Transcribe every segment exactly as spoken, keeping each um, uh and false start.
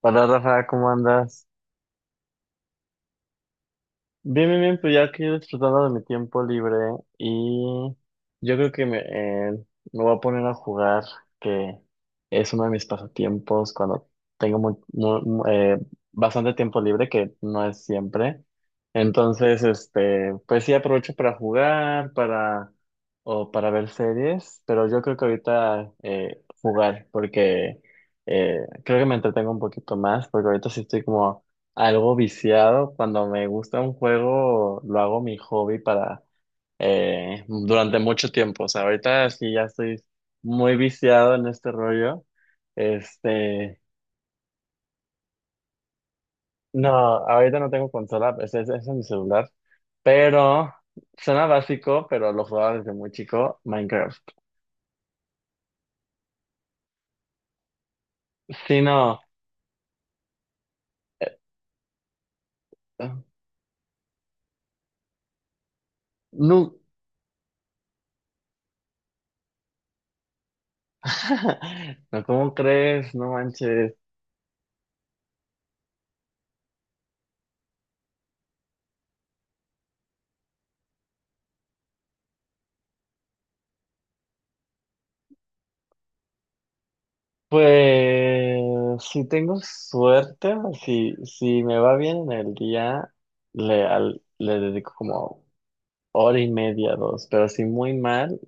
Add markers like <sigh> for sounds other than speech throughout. Hola Rafa, ¿cómo andas? Bien, bien, bien, pues ya aquí disfrutando de mi tiempo libre y yo creo que me, eh, me voy a poner a jugar, que es uno de mis pasatiempos cuando tengo mu- mu- mu- eh, bastante tiempo libre, que no es siempre. Entonces, este, pues sí aprovecho para jugar, para o para ver series, pero yo creo que ahorita eh, jugar, porque eh, creo que me entretengo un poquito más, porque ahorita sí estoy como algo viciado, cuando me gusta un juego, lo hago mi hobby para eh, durante mucho tiempo. O sea, ahorita sí ya estoy muy viciado en este rollo. Este, no, ahorita no tengo consola, es, es, es en mi celular. Pero suena básico, pero lo jugaba desde muy chico, Minecraft. Sí, no, eh, no, <laughs> no, ¿cómo crees? No manches. Pues si tengo suerte, si, si me va bien en el día, le, al- le dedico como hora y media, dos, pero si muy mal,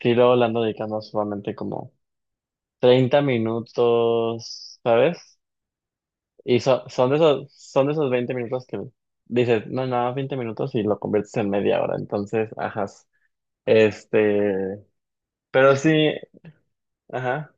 sí luego le ando dedicando solamente como treinta minutos, ¿sabes? Y so- son de esos, son de esos veinte minutos que dices, no, no, veinte minutos y lo conviertes en media hora, entonces, ajá, este, pero sí, ajá.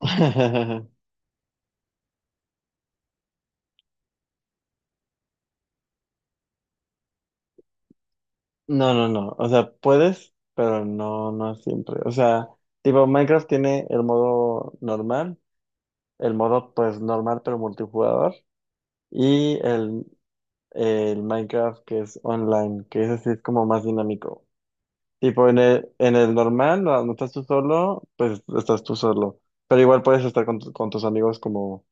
<laughs> No, no, no. O sea, puedes, pero no, no siempre. O sea, tipo, Minecraft tiene el modo normal, el modo pues normal pero multijugador, y el, el Minecraft que es online, que ese sí es como más dinámico. Tipo, en el, en el normal, no, no estás tú solo, pues estás tú solo. Pero igual puedes estar con, tu- con tus amigos como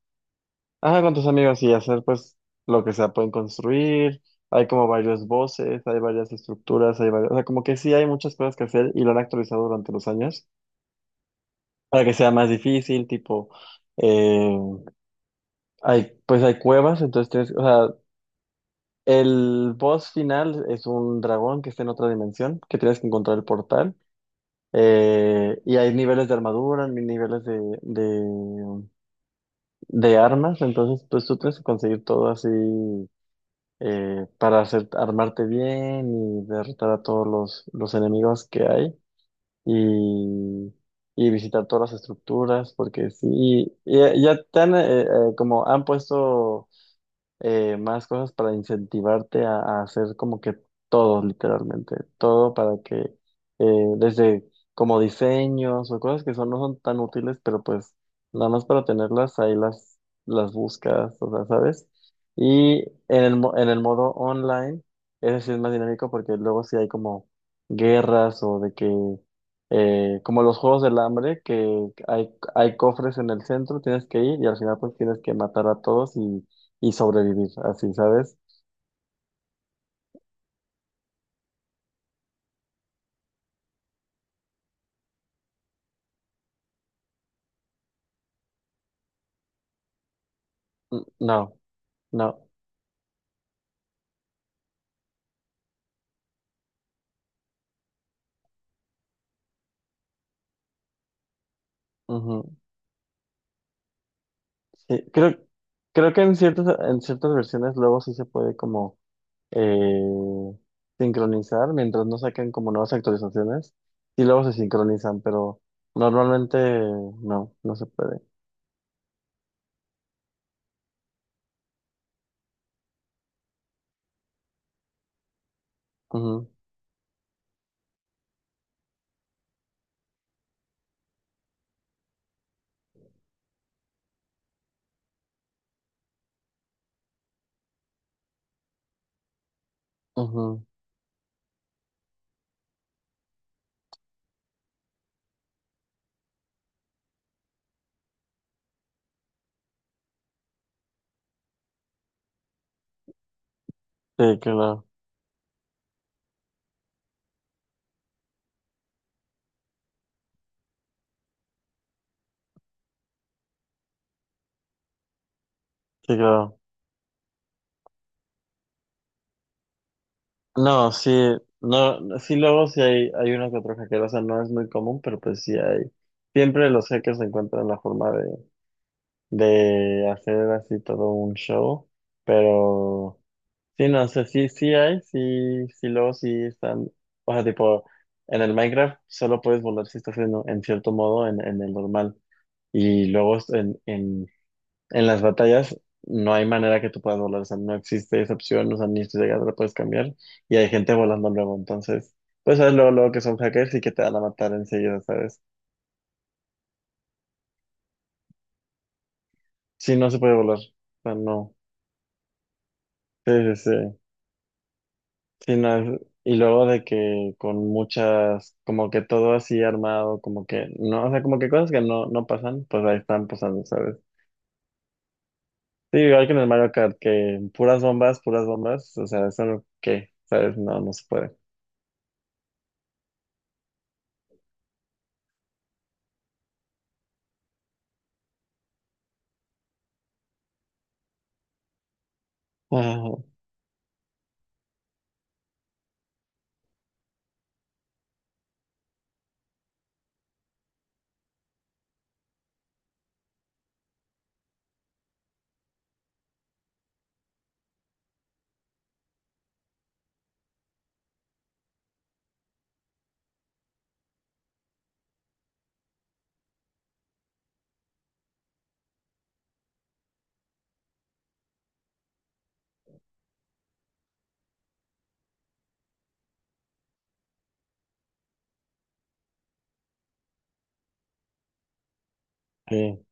ajá, con tus amigos y hacer pues lo que sea, pueden construir, hay como varios voces, hay varias estructuras, hay varias, o sea, como que sí hay muchas cosas que hacer y lo han actualizado durante los años para que sea más difícil, tipo, eh, hay, pues hay cuevas, entonces tienes, o sea, el boss final es un dragón que está en otra dimensión, que tienes que encontrar el portal, eh, y hay niveles de armadura, niveles de, de, de armas, entonces pues tú tienes que conseguir todo así eh, para hacer, armarte bien y derrotar a todos los, los enemigos que hay y, y visitar todas las estructuras, porque sí, y, y eh, ya te han, eh, eh, como han puesto eh, más cosas para incentivarte a, a hacer como que todo, literalmente, todo para que eh, desde como diseños o cosas que son, no son tan útiles, pero pues nada más para tenerlas ahí las, las buscas, o sea, ¿sabes? Y en el, mo- en el modo online, ese sí es más dinámico porque luego sí hay como guerras o de que... eh, como los juegos del hambre, que hay, hay cofres en el centro, tienes que ir y al final pues tienes que matar a todos y y sobrevivir, así, ¿sabes? No, no. Ujú. Sí, creo, creo que en ciertas, en ciertas versiones luego sí se puede como eh, sincronizar, mientras no saquen como nuevas actualizaciones, y luego se sincronizan, pero normalmente no, no se puede. Ujú, ujú. Sí, claro, sí, claro. No, sí, no, sí luego sí hay, hay uno que otro hacker, o sea, no es muy común, pero pues sí hay. Siempre los hackers encuentran la forma de hacer así todo un show, pero sí, no sé, sí, sí hay, sí, sí, luego sí están, o sea, tipo, en el Minecraft solo puedes volar si estás en, en cierto modo en, en el normal, y luego es- en, en, en las batallas no hay manera que tú puedas volar, o sea, no existe esa opción, o sea, ni siquiera la puedes cambiar, y hay gente volando luego, entonces, pues sabes luego, luego que son hackers y que te van a matar enseguida, ¿sabes? Sí, no se puede volar, o sea, no, sí, sí, sí. Sí, no, es- y luego de que con muchas, como que todo así armado, como que no, o sea, como que cosas que no, no pasan, pues ahí están pasando, ¿sabes? Sí, igual que en el Mario Kart, que puras bombas, puras bombas, o sea, eso no, ¿qué? ¿Sabes? No, no se puede. Ah, sí.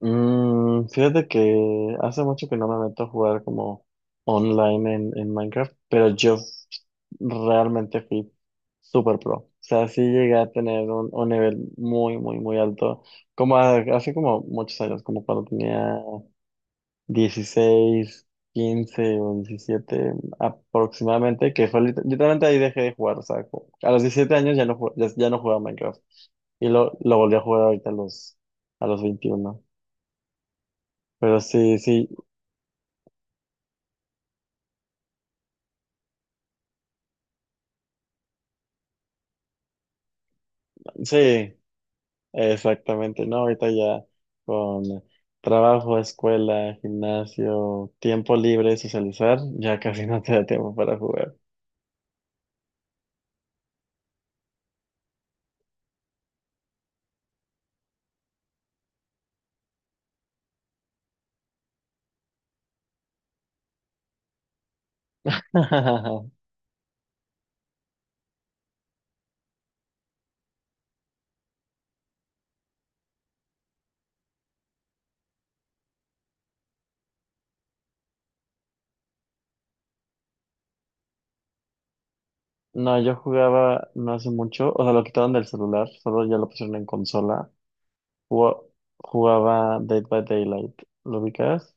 Mm, fíjate que hace mucho que no me meto a jugar como online en, en Minecraft, pero yo realmente fui super pro. O sea, sí llegué a tener un, un nivel muy, muy, muy alto, como a- hace como muchos años, como cuando tenía dieciséis quince o diecisiete aproximadamente, que fue lit- literalmente ahí dejé de jugar. O sea, como- a los diecisiete años ya no, ju- ya, ya no jugaba Minecraft y lo, lo volví a jugar ahorita a los, a los veintiuno pero sí, sí, sí, exactamente, ¿no? Ahorita ya con trabajo, escuela, gimnasio, tiempo libre, socializar, ya casi <laughs> no te da tiempo para jugar. <laughs> No, yo jugaba no hace mucho, o sea, lo quitaron del celular, solo ya lo pusieron en consola. Ju- Jugaba Dead by Daylight, ¿lo ubicas?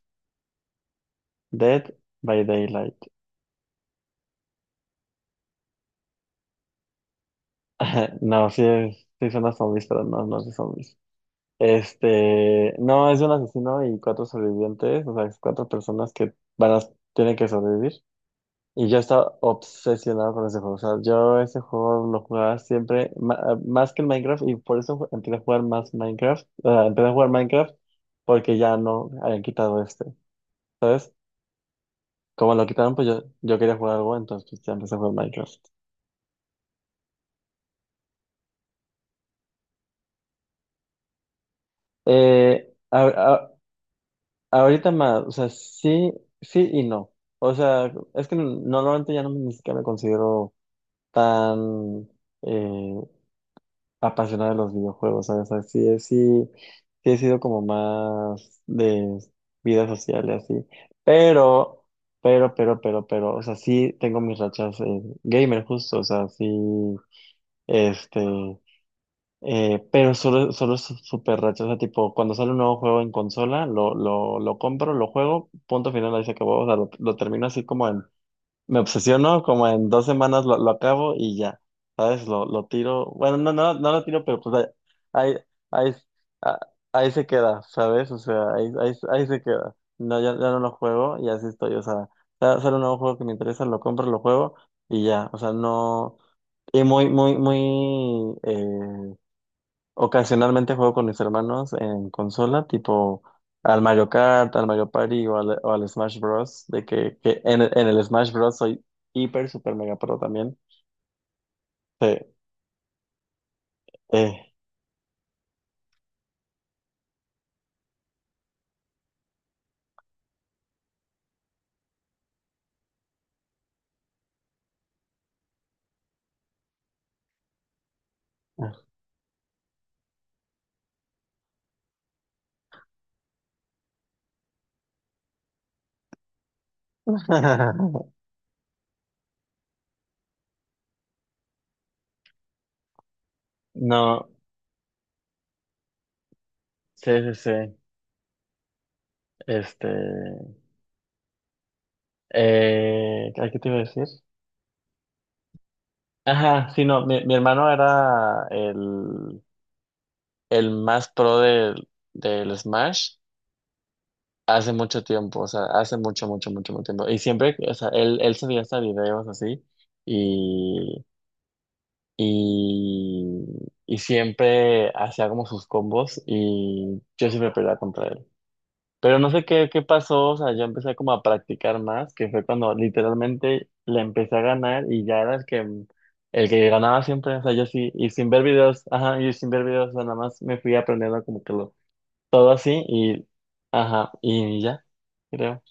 Dead by Daylight. <laughs> No, sí, es- sí son las zombies, pero no, no es de zombies. Este, no, es de un asesino y cuatro sobrevivientes, o sea, es cuatro personas que van a, tienen que sobrevivir. Y yo estaba obsesionado con ese juego, o sea, yo ese juego lo jugaba siempre, ma- ah, más que el Minecraft, y por eso ju- empecé a jugar más Minecraft, o sea, empecé a jugar Minecraft porque ya no habían quitado este, ¿sabes? Como lo quitaron, pues yo, yo quería jugar algo, entonces pues, ya empecé a jugar Minecraft. Eh, Ahorita más, o sea, sí, sí y no. O sea, es que normalmente ya no me, ni siquiera me considero tan eh, apasionado de los videojuegos, ¿sabes? O sea, sí, he- sí, sí he sido como más de vida social y así. Pero, pero, pero, pero, pero, o sea, sí tengo mis rachas eh, gamer justo, o sea, sí, este, eh, pero solo, solo es súper racha, o sea, tipo, cuando sale un nuevo juego en consola, lo, lo, lo compro, lo juego, punto final, ahí se acabó, o sea, lo, lo termino así como en, me obsesiono, como en dos semanas lo, lo acabo y ya, ¿sabes? Lo, lo tiro, bueno, no, no, no lo tiro, pero pues ahí, ahí, ahí, ah, ahí se queda, ¿sabes? O sea, ahí, ahí, ahí se queda, no, ya, ya no lo juego y así estoy, o sea, sa- sale un nuevo juego que me interesa, lo compro, lo juego y ya, o sea, no... Y muy, muy, muy, eh, ocasionalmente juego con mis hermanos en consola, tipo al Mario Kart, al Mario Party o al, o al Smash Bros. De que, que en, el- en el Smash Bros. Soy hiper, super mega pro también. Sí, eh. <laughs> No, sí, sí, sí. Este, eh, ¿a ¿qué te iba a decir? Ajá, sí, no, mi, mi hermano era el, el más pro del, del Smash. Hace mucho tiempo, o sea, hace mucho, mucho, mucho, mucho tiempo. Y siempre, o sea, él, él subía hasta videos así y, y, y siempre hacía como sus combos y yo siempre peleaba contra él. Pero no sé qué, qué pasó, o sea, yo empecé como a practicar más, que fue cuando literalmente le empecé a ganar y ya era el que, el que ganaba siempre, o sea, yo sí, y sin ver videos, ajá, y sin ver videos, o sea, nada más me fui aprendiendo como que lo, todo así y, ajá, y ya, creo.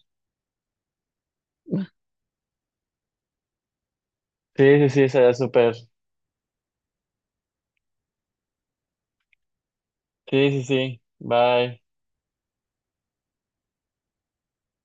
Sí, sí, sí, sería súper. Sí, sí, sí. Bye.